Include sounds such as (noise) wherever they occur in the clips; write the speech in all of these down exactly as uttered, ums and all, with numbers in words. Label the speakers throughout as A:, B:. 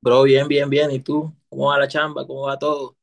A: Bro, bien, bien, bien. ¿Y tú? ¿Cómo va la chamba? ¿Cómo va todo?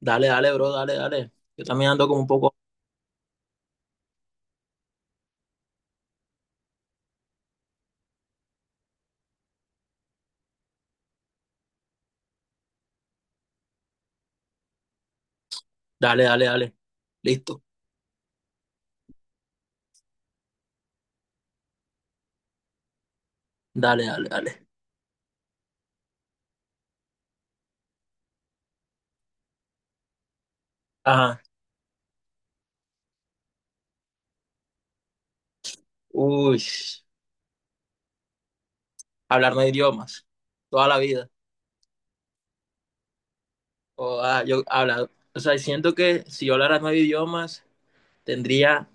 A: Dale, dale, bro, dale, dale. Yo también ando como un poco. Dale, dale, dale. Listo. Dale, dale, dale. Ajá. Uy, hablar nueve idiomas. Toda la vida. O, ah, yo habla, o sea, siento que si yo hablara nueve idiomas, tendría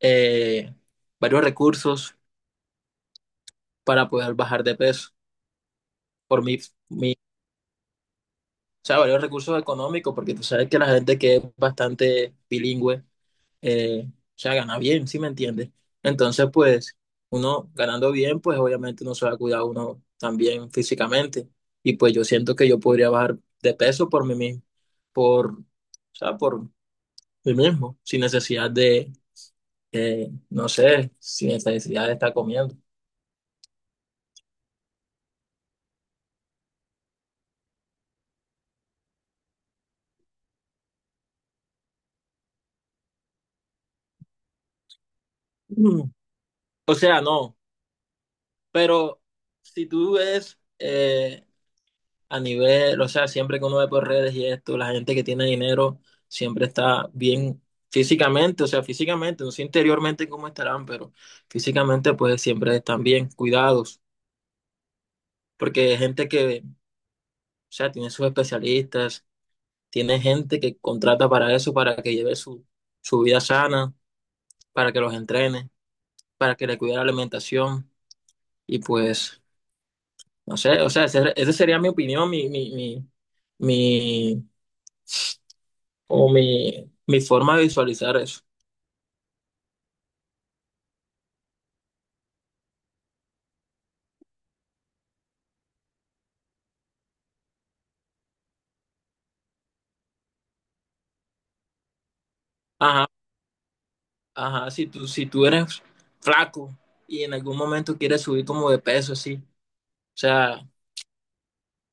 A: eh, varios recursos para poder bajar de peso. Por mi, mi, o sea, varios recursos económicos, porque tú sabes que la gente que es bastante bilingüe eh, o sea, gana bien, ¿sí me entiendes? Entonces, pues, uno ganando bien, pues obviamente uno se va a cuidar uno también físicamente. Y pues yo siento que yo podría bajar de peso por mí mismo, por, o sea, por mí mismo, sin necesidad de, eh, no sé, sin necesidad de estar comiendo. (clears throat) Mm, O sea, no, pero si tú ves, eh, a nivel, o sea, siempre que uno ve por redes y esto, la gente que tiene dinero siempre está bien físicamente, o sea, físicamente, no sé interiormente cómo estarán, pero físicamente pues siempre están bien cuidados, porque hay gente que, o sea, tiene sus especialistas, tiene gente que contrata para eso, para que lleve su, su vida sana, para que los entrene, para que le cuide la alimentación y pues, no sé, o sea, ese- esa sería mi opinión, mi, mi, mi, mi o mi, mi forma de visualizar eso. Ajá, ajá, si tú, si tú eres flaco y en algún momento quieres subir como de peso, así, o sea,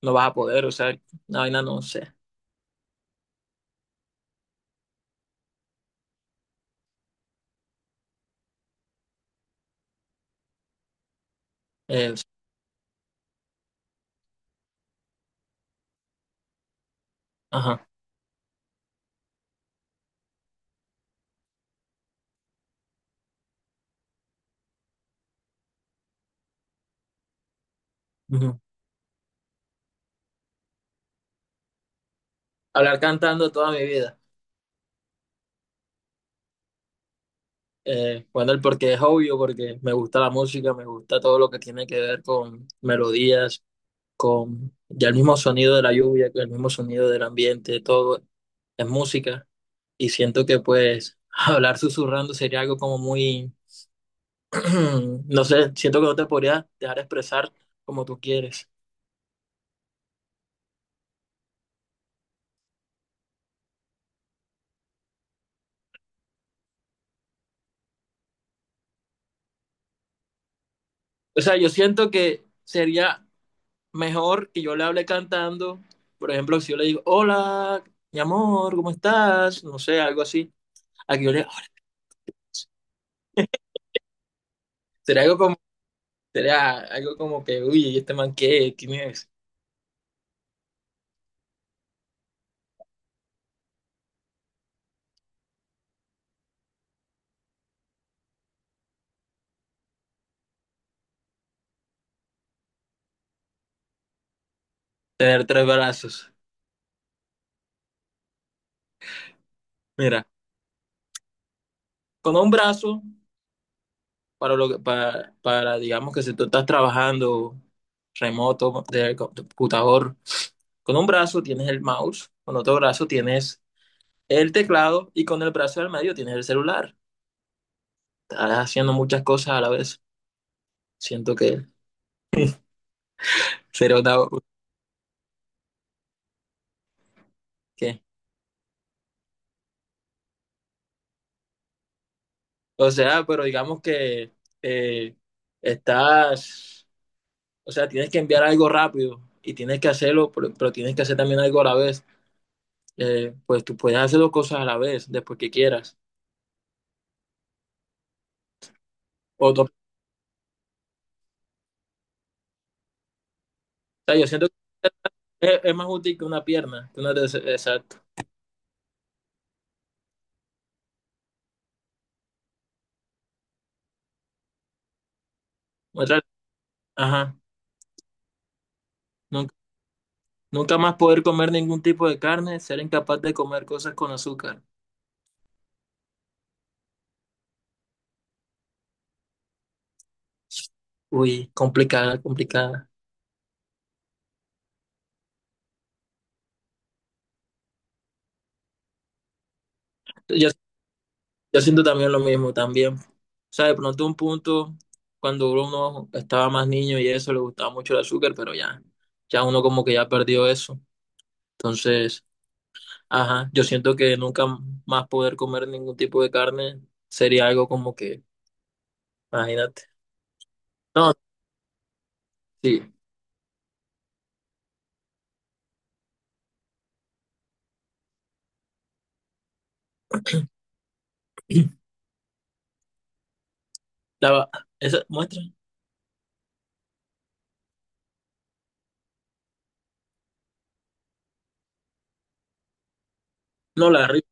A: no vas a poder, o sea, una vaina no sé. Eh, ajá. Ujú. Hablar cantando toda mi vida. Eh, bueno, el porque es obvio, porque me gusta la música, me gusta todo lo que tiene que ver con melodías, con ya el mismo sonido de la lluvia, el mismo sonido del ambiente, todo es música. Y siento que pues (laughs) hablar susurrando sería algo como muy (clears throat) no sé, siento que no te podría dejar expresar como tú quieres. O sea, yo siento que sería mejor que yo le hable cantando. Por ejemplo, si yo le digo, hola, mi amor, ¿cómo estás? No sé, algo así. A que yo le, sería algo como, sería algo como que, uy, ¿y este man qué? ¿Quién es? Tener tres brazos. Mira, con un brazo, para lo que, para, para, digamos que si tú estás trabajando remoto, de computador. Con un brazo tienes el mouse, con otro brazo tienes el teclado y con el brazo del medio tienes el celular. Estás haciendo muchas cosas a la vez. Siento que sería otra- que, o sea, pero digamos que eh, estás, o sea, tienes que enviar algo rápido y tienes que hacerlo, pero, pero tienes que hacer también algo a la vez. Eh, pues tú puedes hacer dos cosas a la vez, después que quieras. O, tú- o sea, yo siento que es, es más útil que una pierna, que una de- exacto. Otra- ajá. No, nunca más poder comer ningún tipo de carne, ser incapaz de comer cosas con azúcar. Uy, complicada, complicada. Yo, yo siento también lo mismo, también. O sea, de pronto un punto, cuando uno estaba más niño y eso, le gustaba mucho el azúcar, pero ya, ya uno como que ya perdió eso. Entonces, ajá, yo siento que nunca más poder comer ningún tipo de carne sería algo como que, imagínate. No, sí. (clears throat) La, va- esa muestra. No, la rica.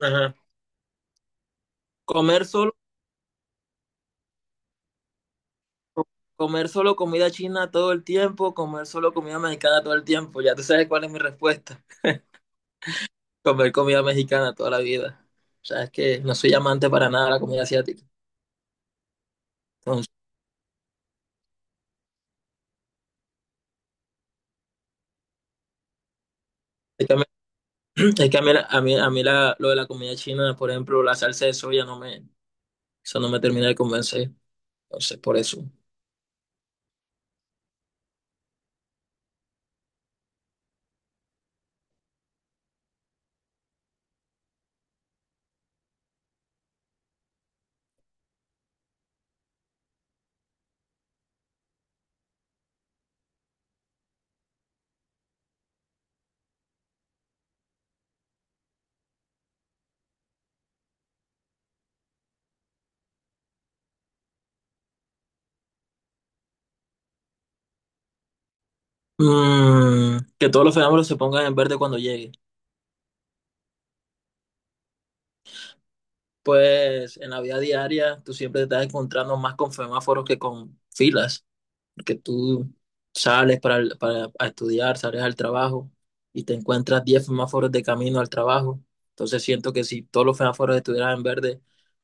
A: Ajá. Comer solo co- Comer solo comida china todo el tiempo, comer solo comida mexicana todo el tiempo. Ya tú sabes cuál es mi respuesta. Comer comida mexicana toda la vida. O sea, es que no soy amante para nada de la comida asiática. Entonces, es que a mí, (clears throat) es que a mí, la- a mí, a mí la- lo de la comida china, por ejemplo, la salsa de soya no me, eso no me termina de convencer. Entonces, por eso. Mm, que todos los fenómenos se pongan en verde cuando llegue. Pues en la vida diaria tú siempre te estás encontrando más con semáforos que con filas. Porque tú sales para, el- para a estudiar, sales al trabajo y te encuentras diez semáforos de camino al trabajo. Entonces siento que si todos los semáforos estuvieran en verde,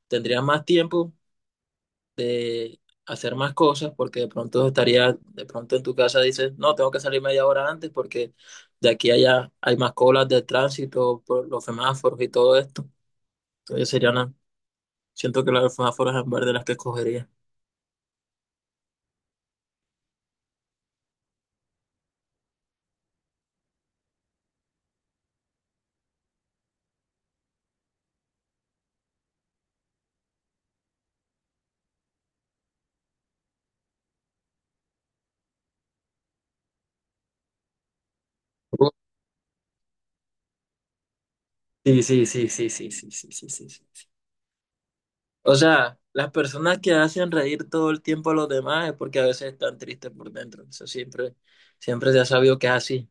A: tendrías más tiempo de hacer más cosas porque de pronto estarías, de pronto en tu casa dices, no, tengo que salir media hora antes porque de aquí a allá hay más colas de tránsito por los semáforos y todo esto. Entonces serían, las- siento que las semáforos en verde las que escogería. Uh, Sí, sí, sí, sí, sí, sí, sí, sí, sí. O sea, las personas que hacen reír todo el tiempo a los demás es porque a veces están tristes por dentro. Eso siempre, siempre se ha sabido que es así.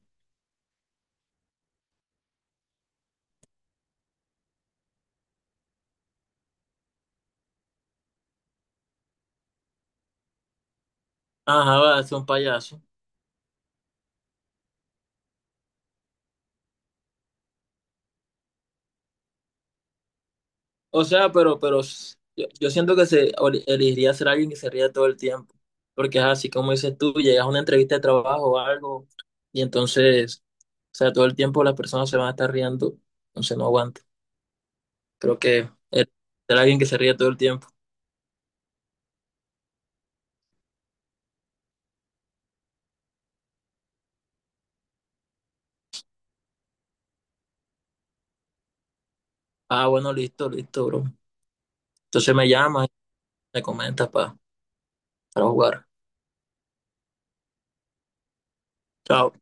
A: Ajá, va, es un payaso. O sea, pero, pero s- yo, yo siento que se ol- elegiría ser alguien que se ría todo el tiempo. Porque es así como dices tú, llegas a una entrevista de trabajo o algo, y entonces, o sea, todo el tiempo las personas se van a estar riendo, entonces no aguanta. Creo que eh, ser alguien que se ríe todo el tiempo. Ah, bueno, listo, listo, bro. Entonces me llamas me comentas para para jugar. Chao.